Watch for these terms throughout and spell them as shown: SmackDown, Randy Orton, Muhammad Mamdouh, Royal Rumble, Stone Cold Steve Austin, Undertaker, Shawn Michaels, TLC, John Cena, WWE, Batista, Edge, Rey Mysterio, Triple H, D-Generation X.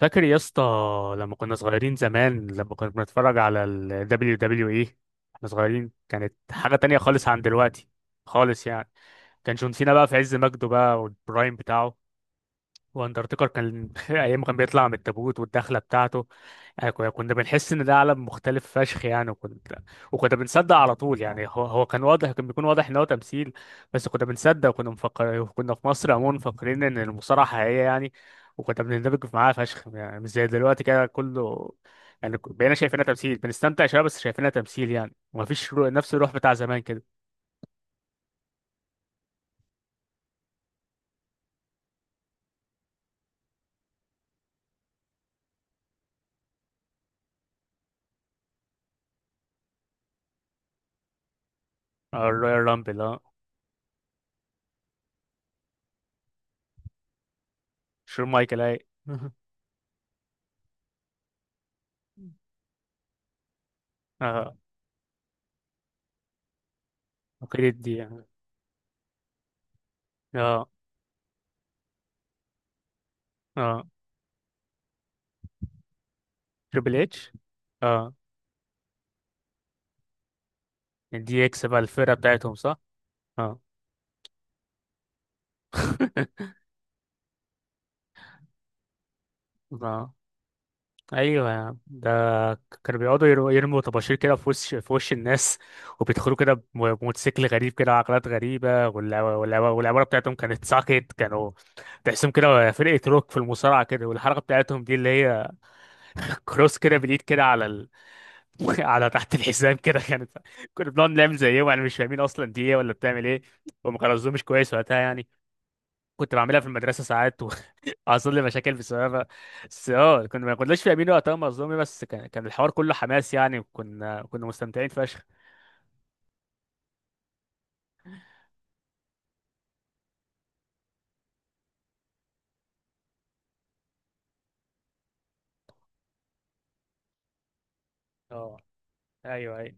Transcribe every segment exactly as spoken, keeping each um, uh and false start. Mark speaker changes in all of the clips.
Speaker 1: فاكر يا اسطى، لما كنا صغيرين زمان، لما كنا بنتفرج على ال دبليو دبليو اي، احنا صغيرين كانت حاجة تانية خالص عن دلوقتي، خالص يعني. كان جون سينا بقى في عز مجده بقى والبرايم بتاعه، واندرتيكر كان ايام ما كان بيطلع من التابوت والدخله بتاعته. يعني كنا كنا بنحس ان ده عالم مختلف فشخ، يعني وكنت وكنا بنصدق على طول، يعني هو هو كان واضح كان بيكون واضح ان هو تمثيل. بس كنا بنصدق، وكنا مفكر كنا في مصر عموما مفكرين ان المصارعه حقيقيه يعني، وكنا بنندمج معاها فشخ، يعني مش زي دلوقتي كده كله. يعني بقينا شايفينها تمثيل، بنستمتع شويه بس شايفينها تمثيل يعني، ومفيش رو... نفس الروح بتاع زمان كده. آه، الرويال رامبل، اه. شون مايكل، اي. اه، عقيدة دي يعني. اه، اه. تريبل اتش، اه. دي اكس بقى الفرقة بتاعتهم، صح؟ اه. اه. ايوه يا عم ده، كانوا بيقعدوا يرموا يرموا طباشير كده في وش في وش الناس. وبيدخلوا كده بم- بموتوسيكل غريب كده وعقلات غريبة، والع- والع- والعبارة بتاعتهم كانت ساكت، كانوا تحسهم كده فرقة روك في المصارعة كده، والحركة بتاعتهم دي اللي هي كروس كده بالإيد كده على ال... على تحت الحزام كده، كانت كنا بنقعد نعمل زيهم، يعني مش فاهمين أصلا دي إيه ولا بتعمل إيه. وما خلصوش مش كويس وقتها يعني. كنت بعملها في المدرسة ساعات، حصل لي مشاكل بسببها. بس اه، كنا ما كناش فاهمين وقتها مظلومي، بس كان كان الحوار كله حماس يعني، وكنا كنا مستمتعين فشخ. اه، ايوه، ايوه.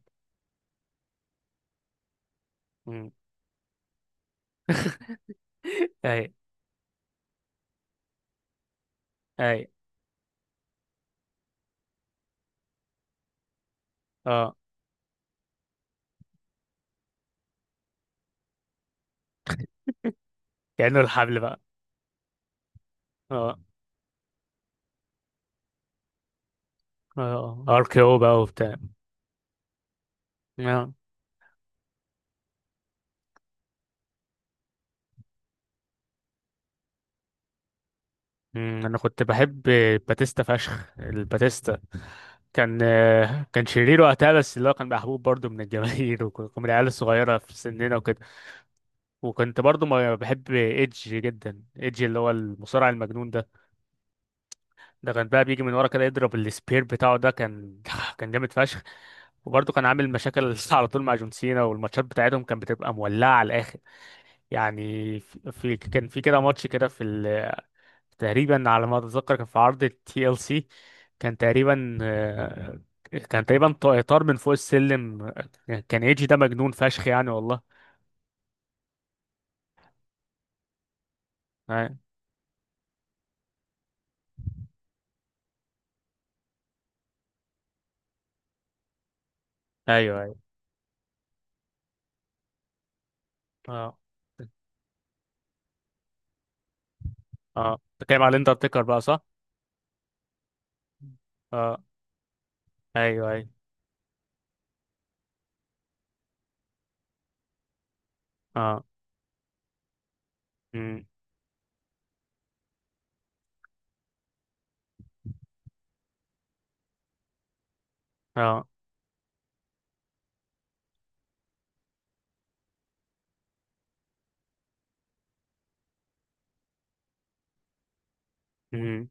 Speaker 1: مم. اي، اي. اه، كأنه الحبل بقى. اه، اه، ار كي او بقى وبتاع. اه. مم، انا كنت بحب باتيستا فشخ، الباتيستا. كان، آه، كان شرير وقتها، بس اللي هو كان محبوب برضه من الجماهير وك- ومن العيال الصغيره في سننا وكده. وكنت برضه ما بحب ايدج جدا، ايدج اللي هو المصارع المجنون ده. ده كان بقى بيجي من ورا كده يضرب السبير بتاعه، ده كان كان جامد فشخ. وبرضه كان عامل مشاكل على طول مع جون سينا، والماتشات بتاعتهم كانت بتبقى مولعة على الآخر. يعني في في- كان في كده ماتش كده في ال- تقريبا على ما أتذكر، كان في عرض تي ال سي. كان تقريبا، آه، كان تقريبا طا- طار من فوق السلم. كان ايجي ده مجنون فشخ، يعني والله. آه، ايوه، ايوه. اه، اه، بتتكلم على الاندرتيكر بقى، صح؟ اه، ايوه، ايوه. اه. امم. اه.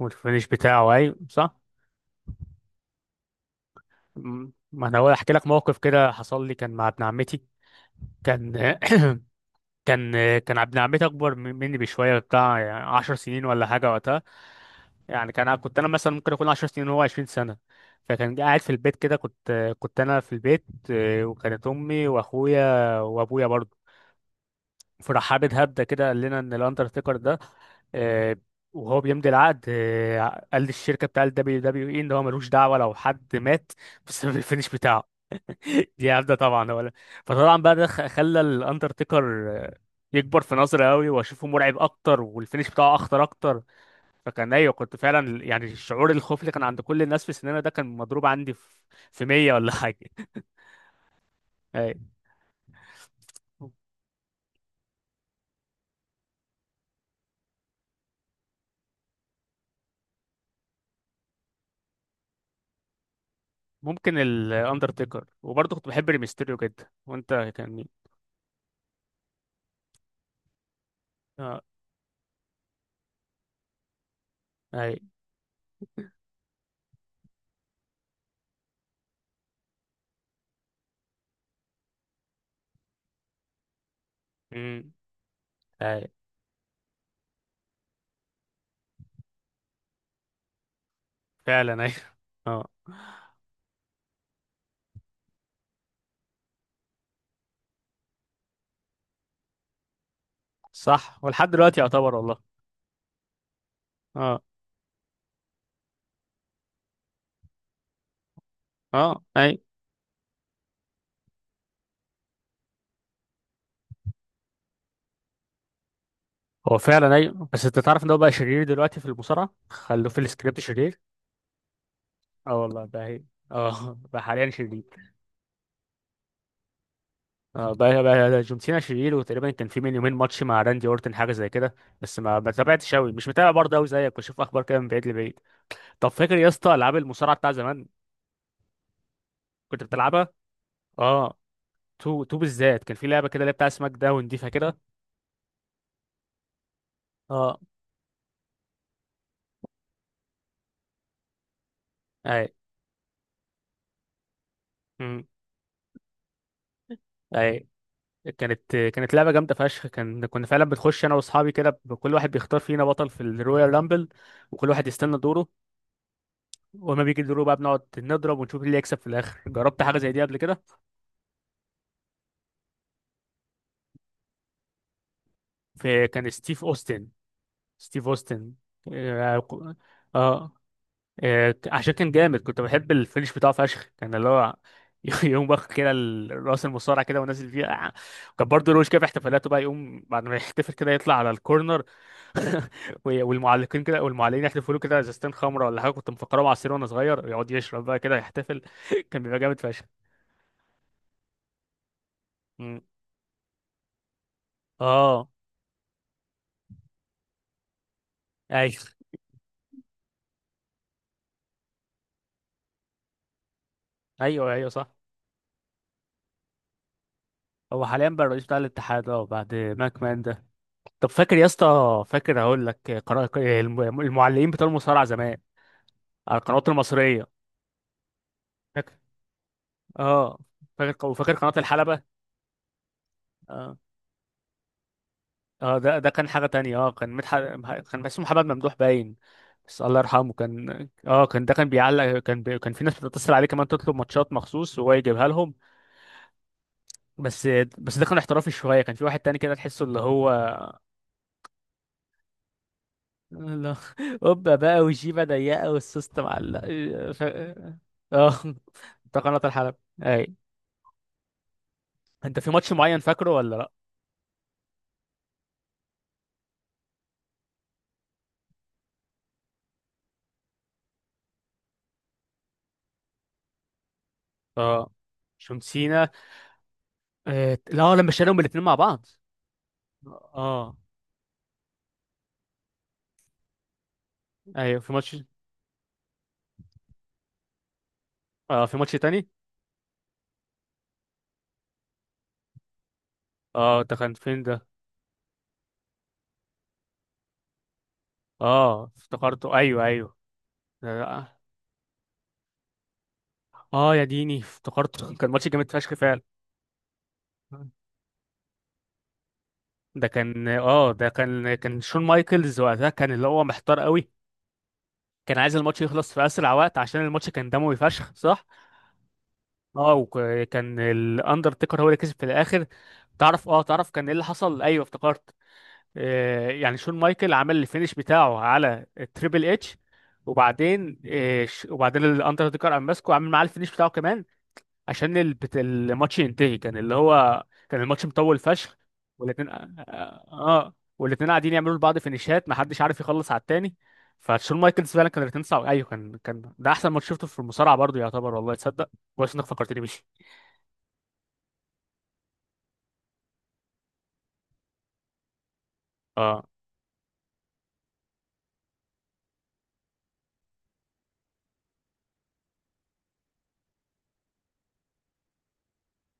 Speaker 1: والفينش بتاعه، اي صح. م- ما انا هقول احكي لك موقف كده حصل لي، كان مع ابن عمتي. كان كان، كان ابن عمتي اكبر من- مني بشويه، بتاع يعني عشر سنين ولا حاجه وقتها. يعني كان، كنت انا مثلا ممكن اكون عشر سنين وهو عشرين سنه. فكان قاعد في البيت كده، كنت كنت انا في البيت، آه، وكانت امي واخويا وابويا برضه. فراح حابب هبده كده، قال لنا ان الاندرتيكر ده، آه، وهو بيمضي العقد، آه، قال للشركه بتاع الدبليو دبليو اي ان هو ملوش دعوه لو حد مات بسبب الفينش بتاعه. دي هبده طبعا ولا. فطبعا بقى ده خ- خلى الاندرتيكر، آه، يكبر في نظري قوي، واشوفه مرعب اكتر والفينش بتاعه اخطر اكتر. فكان ايوه، كنت فعلا يعني الشعور، الخوف اللي كان عند كل الناس في السينما ده كان مضروب عندي في في مية ولا حاجه. أي. ممكن الاندرتيكر، وبرضه كنت بحب ريمستيريو جدا، وانت كان مين؟ اي. امم. اي. فعلا اي. اه صح، ولحد دلوقتي يعتبر والله. اه، اه، اي، هو فعلا اي، بس انت تعرف ان هو بقى شرير دلوقتي في المصارعه، خلوه في السكريبت شرير. اه والله بقى، هي اه بقى حاليا شرير. اه، بقى بقى جون سينا شرير، وتقريبا كان في من يومين ماتش مع راندي اورتن حاجه زي كده. بس ما ما تابعتش قوي، مش متابع برضه قوي زيك، بشوف اخبار كده من بعيد لبعيد. طب فاكر يا اسطى العاب المصارعه بتاع زمان، كنت بتلعبها؟ اه، تو تو بالذات، كان في لعبه كده اللي هي بتاع سماك داون، دي فاكرها؟ اه. اي. امم. اي. كانت كانت لعبه جامده فشخ، كان، كنا فعلا بنخش انا واصحابي كده، ب- كل واحد بيختار فينا بطل في الرويال رامبل، وكل واحد يستنى دوره، وما بيجي دوره بقى بنقعد نضرب ونشوف مين اللي يكسب في الاخر. جربت حاجه زي دي قبل كده؟ في، كان ستيف اوستن، ستيف اوستن اه. آه، آه، ك- عشان كان جامد، كنت بحب الفينش بتاعه فشخ، كان اللي هو يقوم واخد كده ال- الراس المصارعه كده ونازل فيها. كان برضه روش كده في احتفالاته بقى، يقوم بعد ما يحتفل كده يطلع على الكورنر، وي- والمعلقين كده، والمعلقين يحتفلوا له كده، ازازتين خمره ولا حاجه كنت مفكره عصير وانا صغير، يقعد يشرب بقى كده يحتفل. كان بيبقى جامد فشخ. مم. اه، ايوه، ايوه، ايوه، صح. هو حاليا بقى الرئيس بتاع الاتحاد، اه، بعد ماك مان ده. طب فاكر يا اسطى، فاكر هقول لك قرار الم- المعلقين بتوع المصارعه زمان على القنوات المصرية؟ فاكر، اه. فاكر، وفاكر قناة الحلبة؟ اه، اه، ده ده كان حاجة تانية، اه، كان مدح... كان اسمه محمد ممدوح باين. بس الله يرحمه، كان اه، كان ده كان بيعلق، كان بي... كان في ناس بتتصل عليه كمان تطلب ماتشات مخصوص وهو يجيبها لهم. بس، بس ده كان احترافي شوية. كان في واحد تاني كده تحسه اللي هو لا قبة بقى وجيبة ضيقة والسوست معلق. ف... اه ده قناة الحلبة. اي. انت في ماتش معين فاكره ولا لا؟ اه، جون سينا، آه، لا، لما شالهم الاثنين مع بعض. اه، ايوه، في ماتش. اه، في ماتش تاني. اه، ده كان فين ده؟ اه، افتكرته، ايوه، ايوه. اه، آه، يا ديني افتكرته، كان ماتش جامد فشخ فعلا. ده كان، اه، ده كان كان شون مايكلز وقتها، كان اللي هو محتار قوي، كان عايز الماتش يخلص في اسرع وقت عشان الماتش كان دموي فشخ، صح؟ اه، وكان الاندرتيكر هو اللي كسب في الاخر. تعرف، اه، تعرف كان ايه اللي حصل؟ ايوه، افتكرت. آه، يعني شون مايكل عمل الفينش بتاعه على التريبل اتش، وبعدين، آه، ش- وبعدين الاندرتيكر قام ماسكه عامل معاه الفينش بتاعه كمان، عشان ال- بت- الماتش ينتهي. كان اللي هو كان الماتش مطول فشخ. والاتنين، اه، آه، آه، والاتنين قاعدين يعملوا لبعض فينيشات، محدش عارف يخلص على التاني. فشون مايكلز فعلا كان الاتنين صعب. ايوه، كان كان ده احسن ماتش شفته في المصارعه برضه يعتبر، والله تصدق. كويس انك فكرتني بيه. اه.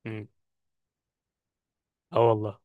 Speaker 1: مم. اه والله.